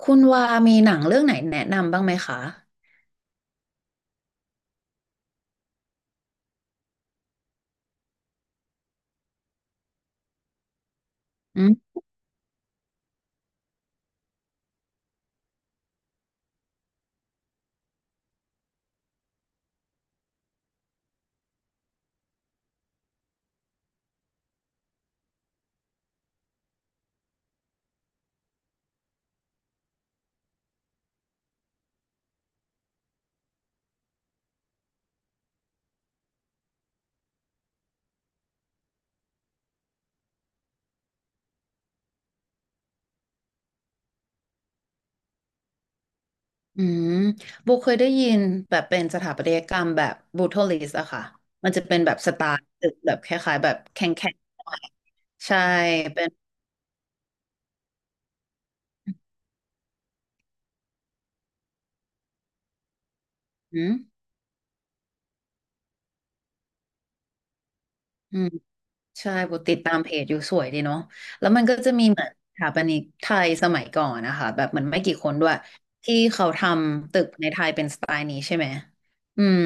คุณว่ามีหนังเรื่องไหนแนะนำบ้างไหมคะอืมอืมโบเคยได้ยินแบบเป็นสถาปัตยกรรมแบบบูโทลิสอะค่ะมันจะเป็นแบบสไตล์ตึกแบบคล้ายๆแบบแข็งแข่งใช่เป็นอืมอืมใช่โบติดตามเพจอยู่สวยดีเนาะแล้วมันก็จะมีเหมือนสถาปนิกไทยสมัยก่อนนะคะแบบเหมือนไม่กี่คนด้วยที่เขาทำตึกในไทยเป็นสไตล์นี้ใช่ไหมอืม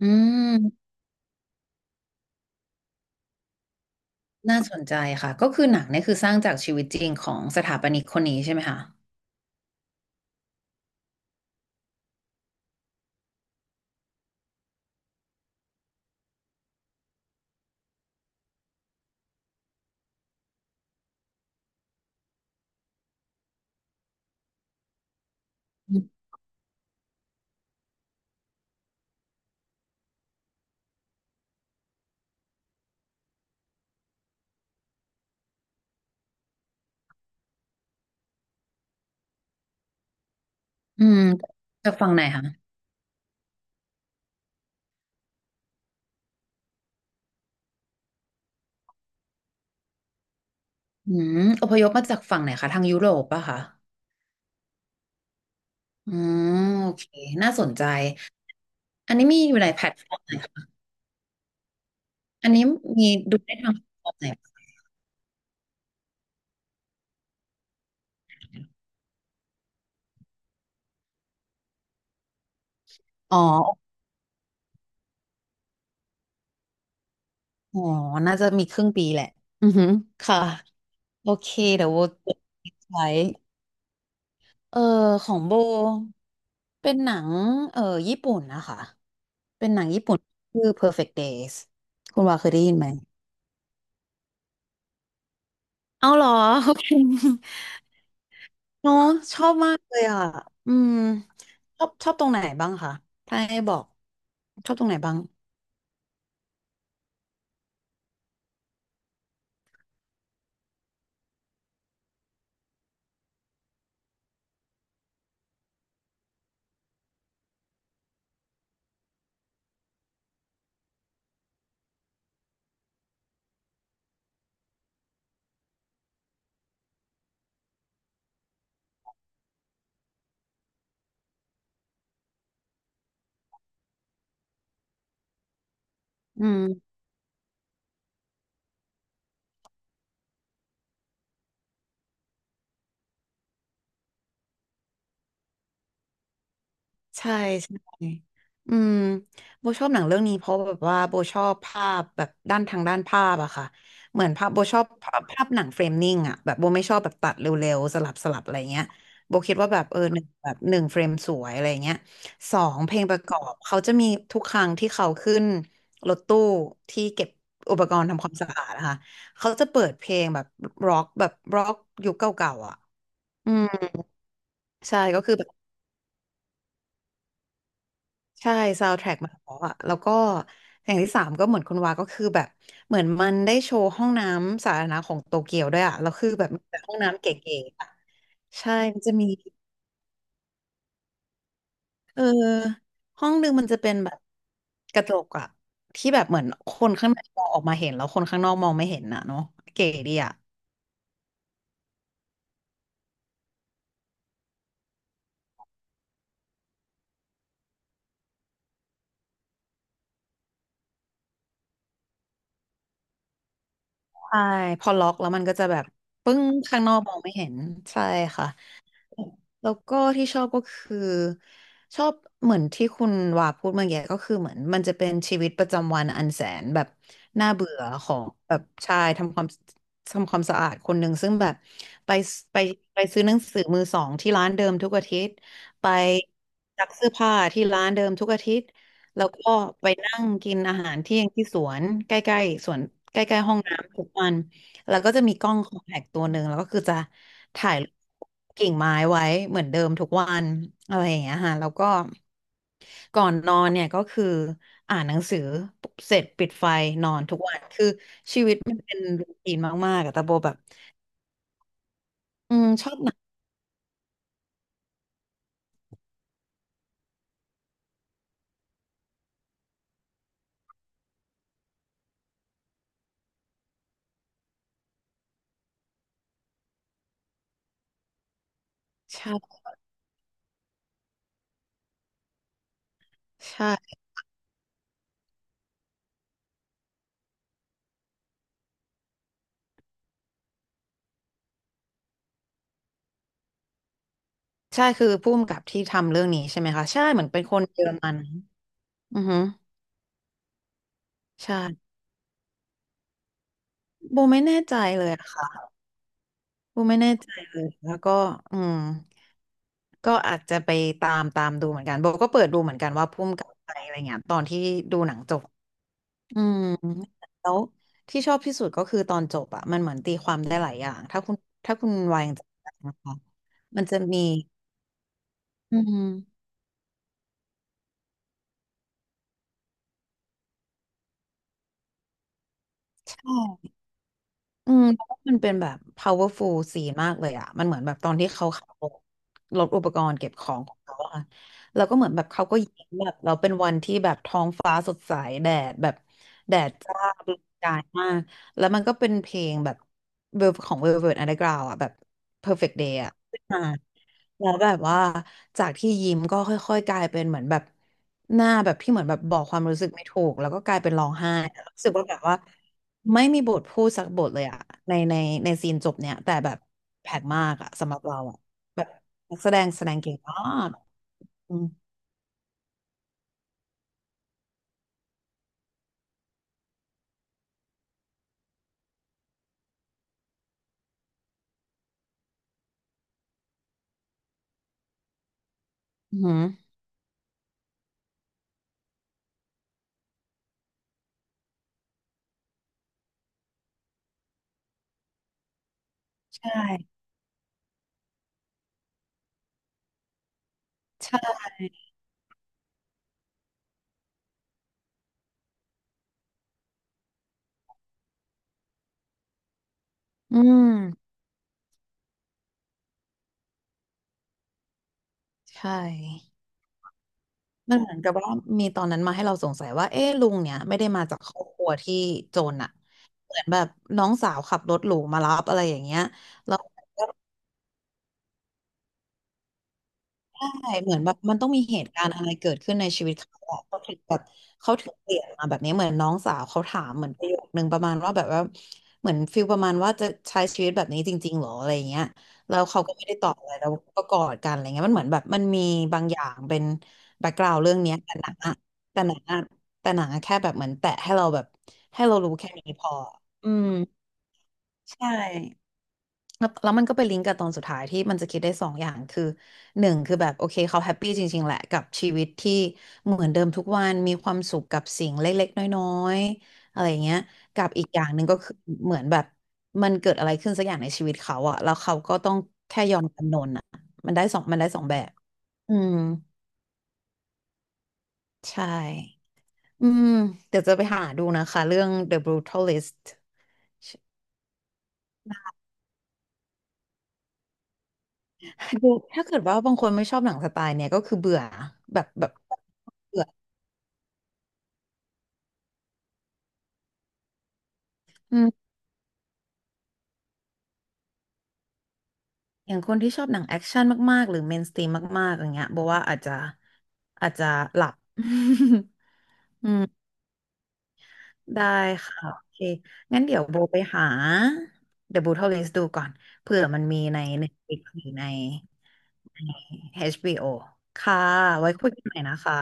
อืม น่าสนใจค่ะก็คือหนังเนี่ยคือสร้างจากชีวิตจริงของสถาปนิกคนนี้ใช่ไหมคะอืมจากฝั่งไหนคะอืมอพยพมาจากฝั่งไหนคะทางยุโรปป่ะคะอืมโอเคน่าสนใจอันนี้มีอยู่ในแพลตฟอร์มไหนคะอันนี้มีดูได้ทางแพลตฟอร์มไหนปะอ๋ออ๋อน่าจะมีครึ่งปีแหละอือหือค่ะโอเคเดี๋ยวโบไว้ เออของโบเป็นหนังเออญี่ปุ่นนะคะเป็นหนังญี่ปุ่นชื่อ Perfect Days คุณว่าเคยได้ยินไหมเอาเหรอโอเค เนอะชอบมากเลยอ่ะอืมชอบตรงไหนบ้างคะถ้าให้บอกชอบตรงไหนบ้างอืม ใช่ใช่ อืมโบชอบหนังเรื่องนี้เพราะแบบว่าโบชอบภาพแบบด้านทางด้านภาพอะค่ะ เหมือนภาพโบชอบภาพหนังเฟรมนิ่งอะแบบโบไม่ชอบแบบตัดเร็วๆสลับอะไรเงี้ยโบคิดว่าแบบหนึ่งแบบหนึ่งเฟรมสวยอะไรเงี้ยสองเพลงประกอบเขาจะมีทุกครั้งที่เขาขึ้นรถตู้ที่เก็บอุปกรณ์ทำความสะอาดนะคะเขาจะเปิดเพลงแบบร็อกแบบร็อกยุคเก่าๆอะอืมใช่ก็คือ ใช่ซาว์แทร็กมันเพราะอะแล้วก็อย่างที่สามก็เหมือนคุณวาก็คือแบบเหมือนมันได้โชว์ห้องน้ำสาธารณะของโตเกียวด้วยอะแล้วคือแบบมีแต่ห้องน้ำเก๋ๆอะใช่มันจะมีเออห้องหนึ่งมันจะเป็นแบบกระจกอะที่แบบเหมือนคนข้างในมองออกมาเห็นแล้วคนข้างนอกมองไม่เห็นอะเนาะเก๋ดีอะใช่พอล็อกแล้วมันก็จะแบบปึ้งข้างนอกมองไม่เห็นใช่ค่ะ แล้วก็ที่ชอบก็คือชอบเหมือนที่คุณว่าพูดเมื่อกี้ก็คือเหมือนมันจะเป็นชีวิตประจำวันอันแสนแบบน่าเบื่อของแบบชายทำความสะอาดคนหนึ่งซึ่งแบบไปไปไปซื้อหนังสือมือสองที่ร้านเดิมทุกอาทิตย์ไปซักเสื้อผ้าที่ร้านเดิมทุกอาทิตย์แล้วก็ไปนั่งกินอาหารเที่ยงที่สวนใกล้ๆสวนใกล้ๆห้องน้ำทุกวัน แล้วก็จะมีกล้องคอมแพคตัวหนึ่งแล้วก็คือจะถ่ายกิ่งไม้ไว้เหมือนเดิมทุกวันอะไรอย่างเงี้ยค่ะแล้วก็ก่อนนอนเนี่ยก็คืออ่านหนังสือเสร็จปิดไฟนอนทุกวันคือชีวิตมันเป็นรูทีนมากๆอะแต่โบแบบอืมชอบหนังใช่ใช่ใช่คือผู้กำกับที่ทำเรื่องนี้ใช่ไหมคะใช่เหมือนเป็นคนเยอรมันอือฮึใช่โบไม่แน่ใจเลยอะค่ะ กูไม่แน่ใจเลยแล้วก็อืมก็อาจจะไปตามดูเหมือนกันโบก็เปิดดูเหมือนกันว่าพุ่มกับใครอะไรเงี้ยตอนที่ดูหนังจบอืมแล้วที่ชอบที่สุดก็คือตอนจบอะมันเหมือนตีความได้หลายอย่างถ้าคุณวายยังจำได้นะคะมันจะมีอืม อืมเพราะว่ามันเป็นแบบ powerful ซีนมากเลยอ่ะมันเหมือนแบบตอนที่เขาขับรถอุปกรณ์เก็บของของเขาอะแล้วก็เหมือนแบบเขาก็ยิ้มแบบเราเป็นวันที่แบบท้องฟ้าสดใสแดดแบบแดดจ้าประกายมาก แล้วมันก็เป็นเพลงแบบ ของ Velvet Underground อ่ะแบบ Perfect Day อ่ะขึ้นมา แล้วแบบว่าจากที่ยิ้มก็ค่อยๆกลายเป็นเหมือนแบบหน้าแบบที่เหมือนแบบบอกความรู้สึกไม่ถูกแล้วก็กลายเป็นร้องไห้รู้สึกว่าแบบว่าไม่มีบทพูดสักบทเลยอะในในในซีนจบเนี่ยแต่แบบแปลกมากอะสำหรับเราอะแบบนักแสดงแสดงเก่งมากอืมอือหือใช่ใช่อืมใช่มันเหมือนกับว่ามีตอนนั้นมาให้เราสงสัยว่าเอ๊ะลุงเนี่ยไม่ได้มาจากครอบครัวที่จนอะเหมือนแบบน้องสาวขับรถหรูมารับอะไรอย่างเงี้ย ใช่เหมือนแบบมันต้องมีเหตุการณ์อะไรเกิดขึ้นในชีวิตเขาอะเขาถึงแบบเขาถึงเปลี่ยนมาแบบนี้เหมือนน้องสาวเขาถามเหมือนประโยคนึงประมาณว่าแบบว่าเหมือนฟิลประมาณว่าจะใช้ชีวิตแบบนี้จริงๆหรออะไรเงี้ยแล้วเขาก็ไม่ได้ตอบอะไรแล้วก็กอดกันอะไรเงี้ยมันเหมือนแบบมันมีบางอย่างเป็นแบ็กกราวด์เรื่องเนี้ยแต่หนังอะแต่หนังอะแค่แบบเหมือนแตะให้เราแบบให้เรารู้แค่นี้พออืมใช่ แล้วแล้วมันก็ไปลิงก์กับตอนสุดท้ายที่มันจะคิดได้สองอย่างคือหนึ่งคือแบบโอเคเขาแฮปปี้จริงๆแหละกับชีวิตที่เหมือนเดิมทุกวันมีความสุขกับสิ่งเล็กๆน้อยๆอะไรอย่างเงี้ยกับอีกอย่างหนึ่งก็คือเหมือนแบบมันเกิดอะไรขึ้นสักอย่างในชีวิตเขาอะแล้วเขาก็ต้องแค่ยอมจำนนอะมันได้สองแบบอืมใช่อืมเดี๋ยวจะไปหาดูนะคะเรื่อง The Brutalist ดูถ้าเกิดว่าบางคนไม่ชอบหนังสไตล์เนี่ยก็คือเบื่อแบบเบื่ออืม อย่างคนที่ชอบหนังแอคชั่นมากๆหรือเมนสตรีมมากๆอย่างเงี้ยโบอกว่าอาจจะหลับ อืมได้ค่ะโอเคงั้นเดี๋ยวโบไปหา The Brutal List ดูก่อนเผื่อมันมีใน Netflix หรือในใน HBO ค่ะไว้คุยกันใหม่นะคะ